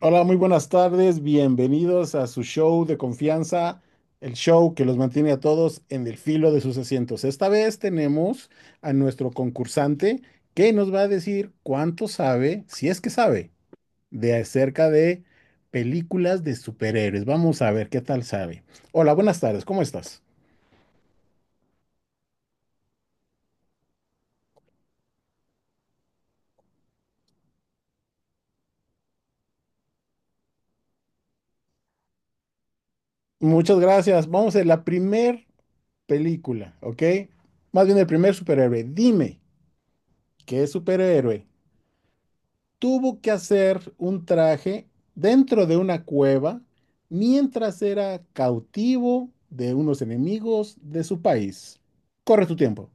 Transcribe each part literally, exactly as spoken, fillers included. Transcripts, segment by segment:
Hola, muy buenas tardes. Bienvenidos a su show de confianza, el show que los mantiene a todos en el filo de sus asientos. Esta vez tenemos a nuestro concursante que nos va a decir cuánto sabe, si es que sabe, de acerca de películas de superhéroes. Vamos a ver qué tal sabe. Hola, buenas tardes. ¿Cómo estás? Muchas gracias. Vamos a la primer película, ¿ok? Más bien el primer superhéroe. Dime, ¿qué superhéroe tuvo que hacer un traje dentro de una cueva mientras era cautivo de unos enemigos de su país? Corre tu tiempo.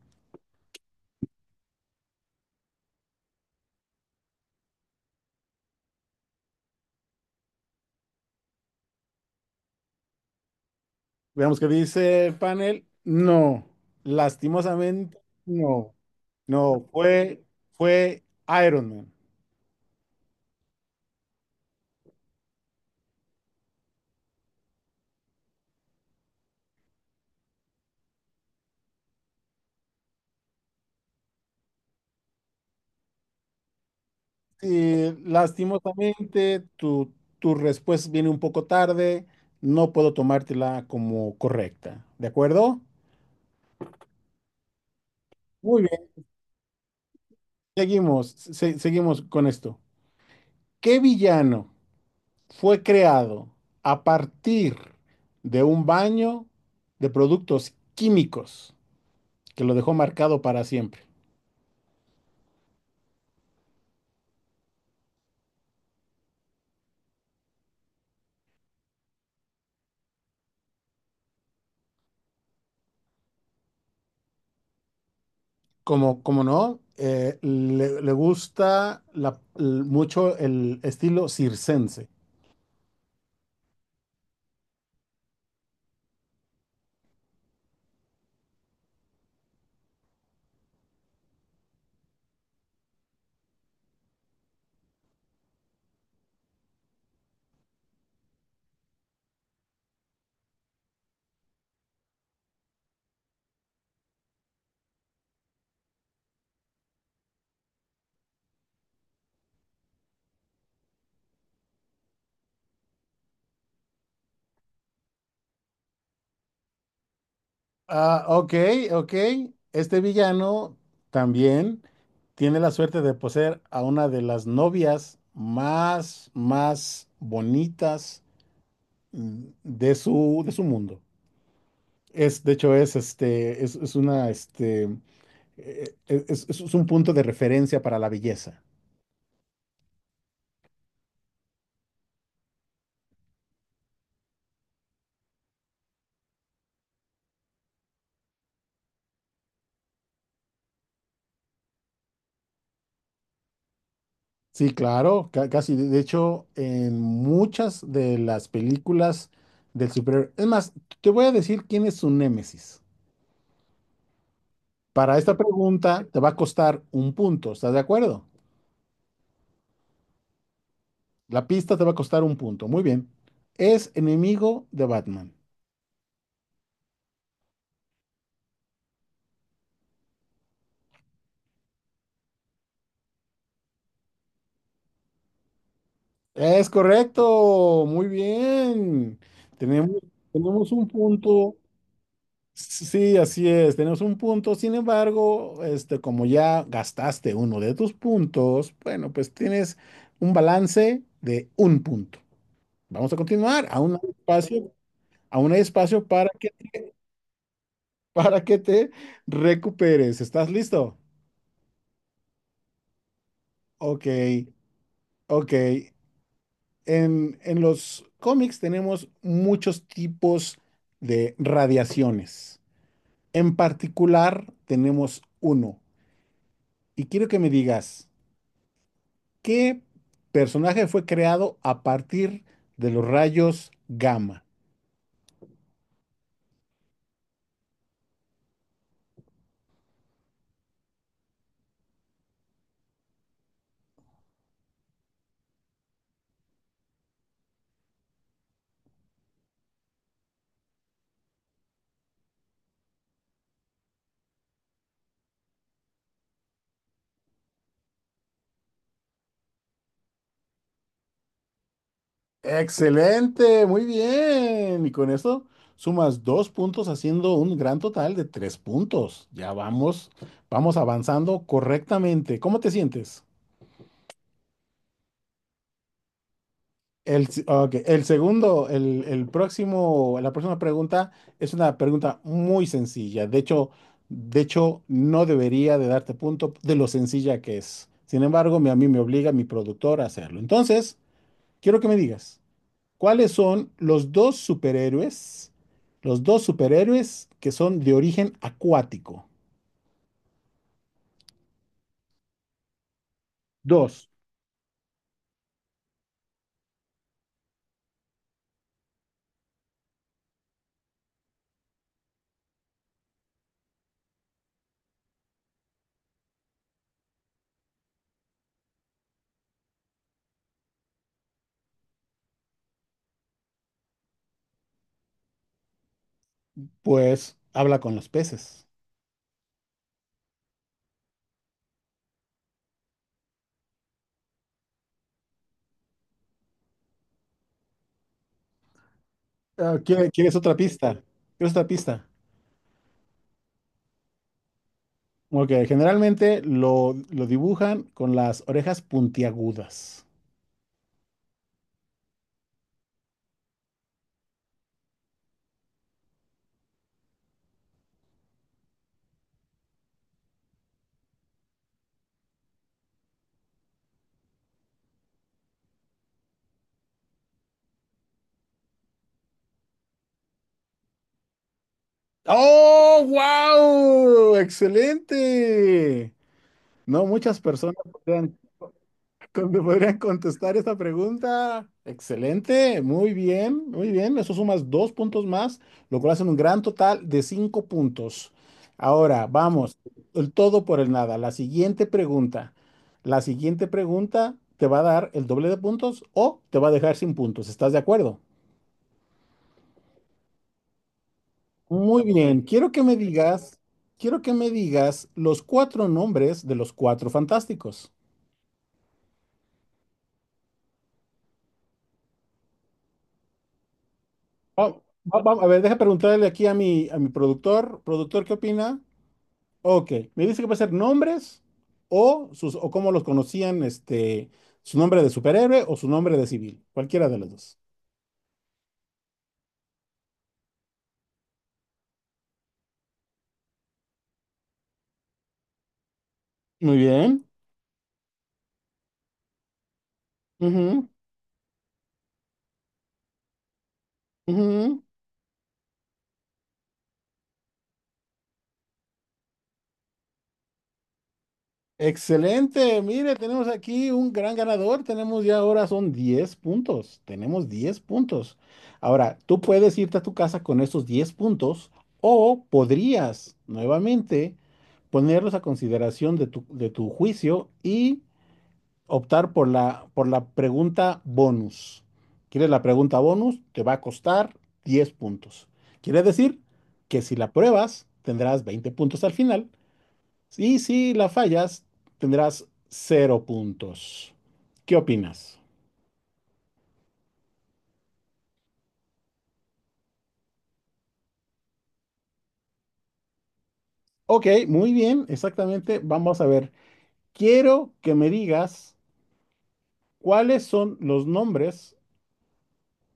Veamos qué dice el panel. No, lastimosamente no. No, fue, fue Iron Man. Sí, lastimosamente tu, tu respuesta viene un poco tarde. No puedo tomártela como correcta. ¿De acuerdo? Muy bien, seguimos, se- seguimos con esto. ¿Qué villano fue creado a partir de un baño de productos químicos que lo dejó marcado para siempre? Como, como no, eh, le, le gusta la- l- mucho el estilo circense. Ah, ok, ok. Este villano también tiene la suerte de poseer a una de las novias más, más bonitas mm, de su, de su mundo. Es, de hecho, es este, es, es una, este, eh, eh, es, es- es un punto de referencia para la belleza. Sí, claro, ca- casi. De de hecho, en muchas de las películas del superhéroe. Es más, te voy a decir quién es su némesis. Para esta pregunta te va a costar un punto, ¿estás de acuerdo? La pista te va a costar un punto. Muy bien. Es enemigo de Batman. Es correcto. Muy bien. Tenemos, tenemos un punto. Sí, así es. Tenemos un punto. Sin embargo, este, como ya gastaste uno de tus puntos, bueno, pues tienes un balance de un punto. Vamos a continuar. Aún hay espacio, aún hay espacio para que, para que te recuperes. ¿Estás listo? Ok, ok. En, en los cómics tenemos muchos tipos de radiaciones. En particular, tenemos uno. Y quiero que me digas, ¿qué personaje fue creado a partir de los rayos gamma? Excelente, muy bien. Y con eso sumas dos puntos, haciendo un gran total de tres puntos. Ya vamos, vamos avanzando correctamente. ¿Cómo te sientes? El, s- ah, ok, el segundo, el, el próximo, la próxima pregunta es una pregunta muy sencilla. De hecho, de hecho, no debería de darte punto de lo sencilla que es. Sin embargo, mi- a mí me obliga mi productor a hacerlo. Entonces, quiero que me digas, ¿cuáles son los dos superhéroes, los dos superhéroes que son de origen acuático? Dos, pues habla con los peces. Ah, ¿quiere- ¿Quieres otra pista? ¿Quieres otra pista? Ok, generalmente lo, lo dibujan con las orejas puntiagudas. ¡Oh, wow! ¡Excelente! No muchas personas podrían, con- podrían contestar esta pregunta. Excelente, muy bien, muy bien. Eso sumas dos puntos más, lo cual hace un gran total de cinco puntos. Ahora, vamos, el todo por el nada. La siguiente pregunta. La siguiente pregunta te va a dar el doble de puntos o te va a dejar sin puntos. ¿Estás de acuerdo? Muy bien, quiero que me digas, quiero que me digas los cuatro nombres de los cuatro fantásticos. Oh, va- va- a ver, deja preguntarle aquí a mi, a mi productor. Productor, ¿qué opina? Ok, me dice que va a ser nombres o sus, o cómo los conocían, este, su nombre de superhéroe o su nombre de civil, cualquiera de los dos. Muy bien. Ujú, ujú. Excelente, mire, tenemos aquí un gran ganador, tenemos ya ahora son diez puntos, tenemos diez puntos. Ahora, tú puedes irte a tu casa con estos diez puntos o podrías nuevamente ponerlos a consideración de tu, de tu juicio y optar por la, por la pregunta bonus. ¿Quieres la pregunta bonus? Te va a costar diez puntos. Quiere decir que si la pruebas, tendrás veinte puntos al final. Y si la fallas, tendrás cero puntos. ¿Qué opinas? Ok, muy bien, exactamente. Vamos a ver. Quiero que me digas cuáles son los nombres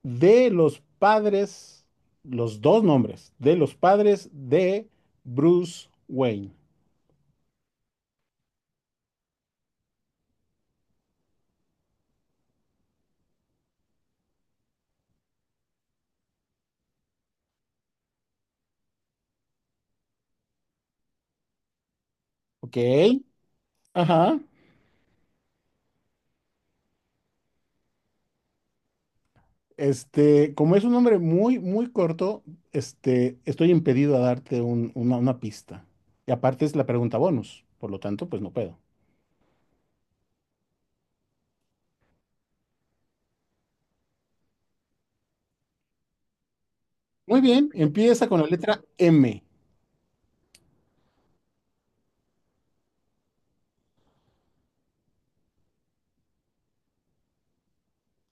de los padres, los dos nombres de los padres de Bruce Wayne. Ok, ajá. Este, como es un nombre muy, muy corto, este, estoy impedido a darte un- una, una pista. Y aparte es la pregunta bonus, por lo tanto, pues no puedo. Muy bien, empieza con la letra M.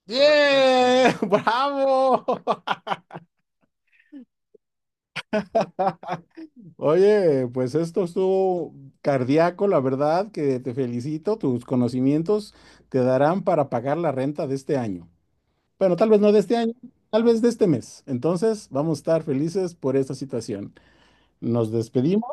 ¡Bien! ¡Bravo! Oye, pues esto estuvo cardíaco, la verdad, que te felicito. Tus conocimientos te darán para pagar la renta de este año. Bueno, tal vez no de este año, tal vez de este mes. Entonces, vamos a estar felices por esta situación. Nos despedimos.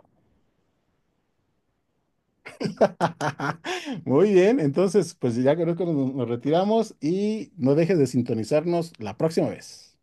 Muy bien, entonces, pues ya creo que nos nos retiramos y no dejes de sintonizarnos la próxima vez.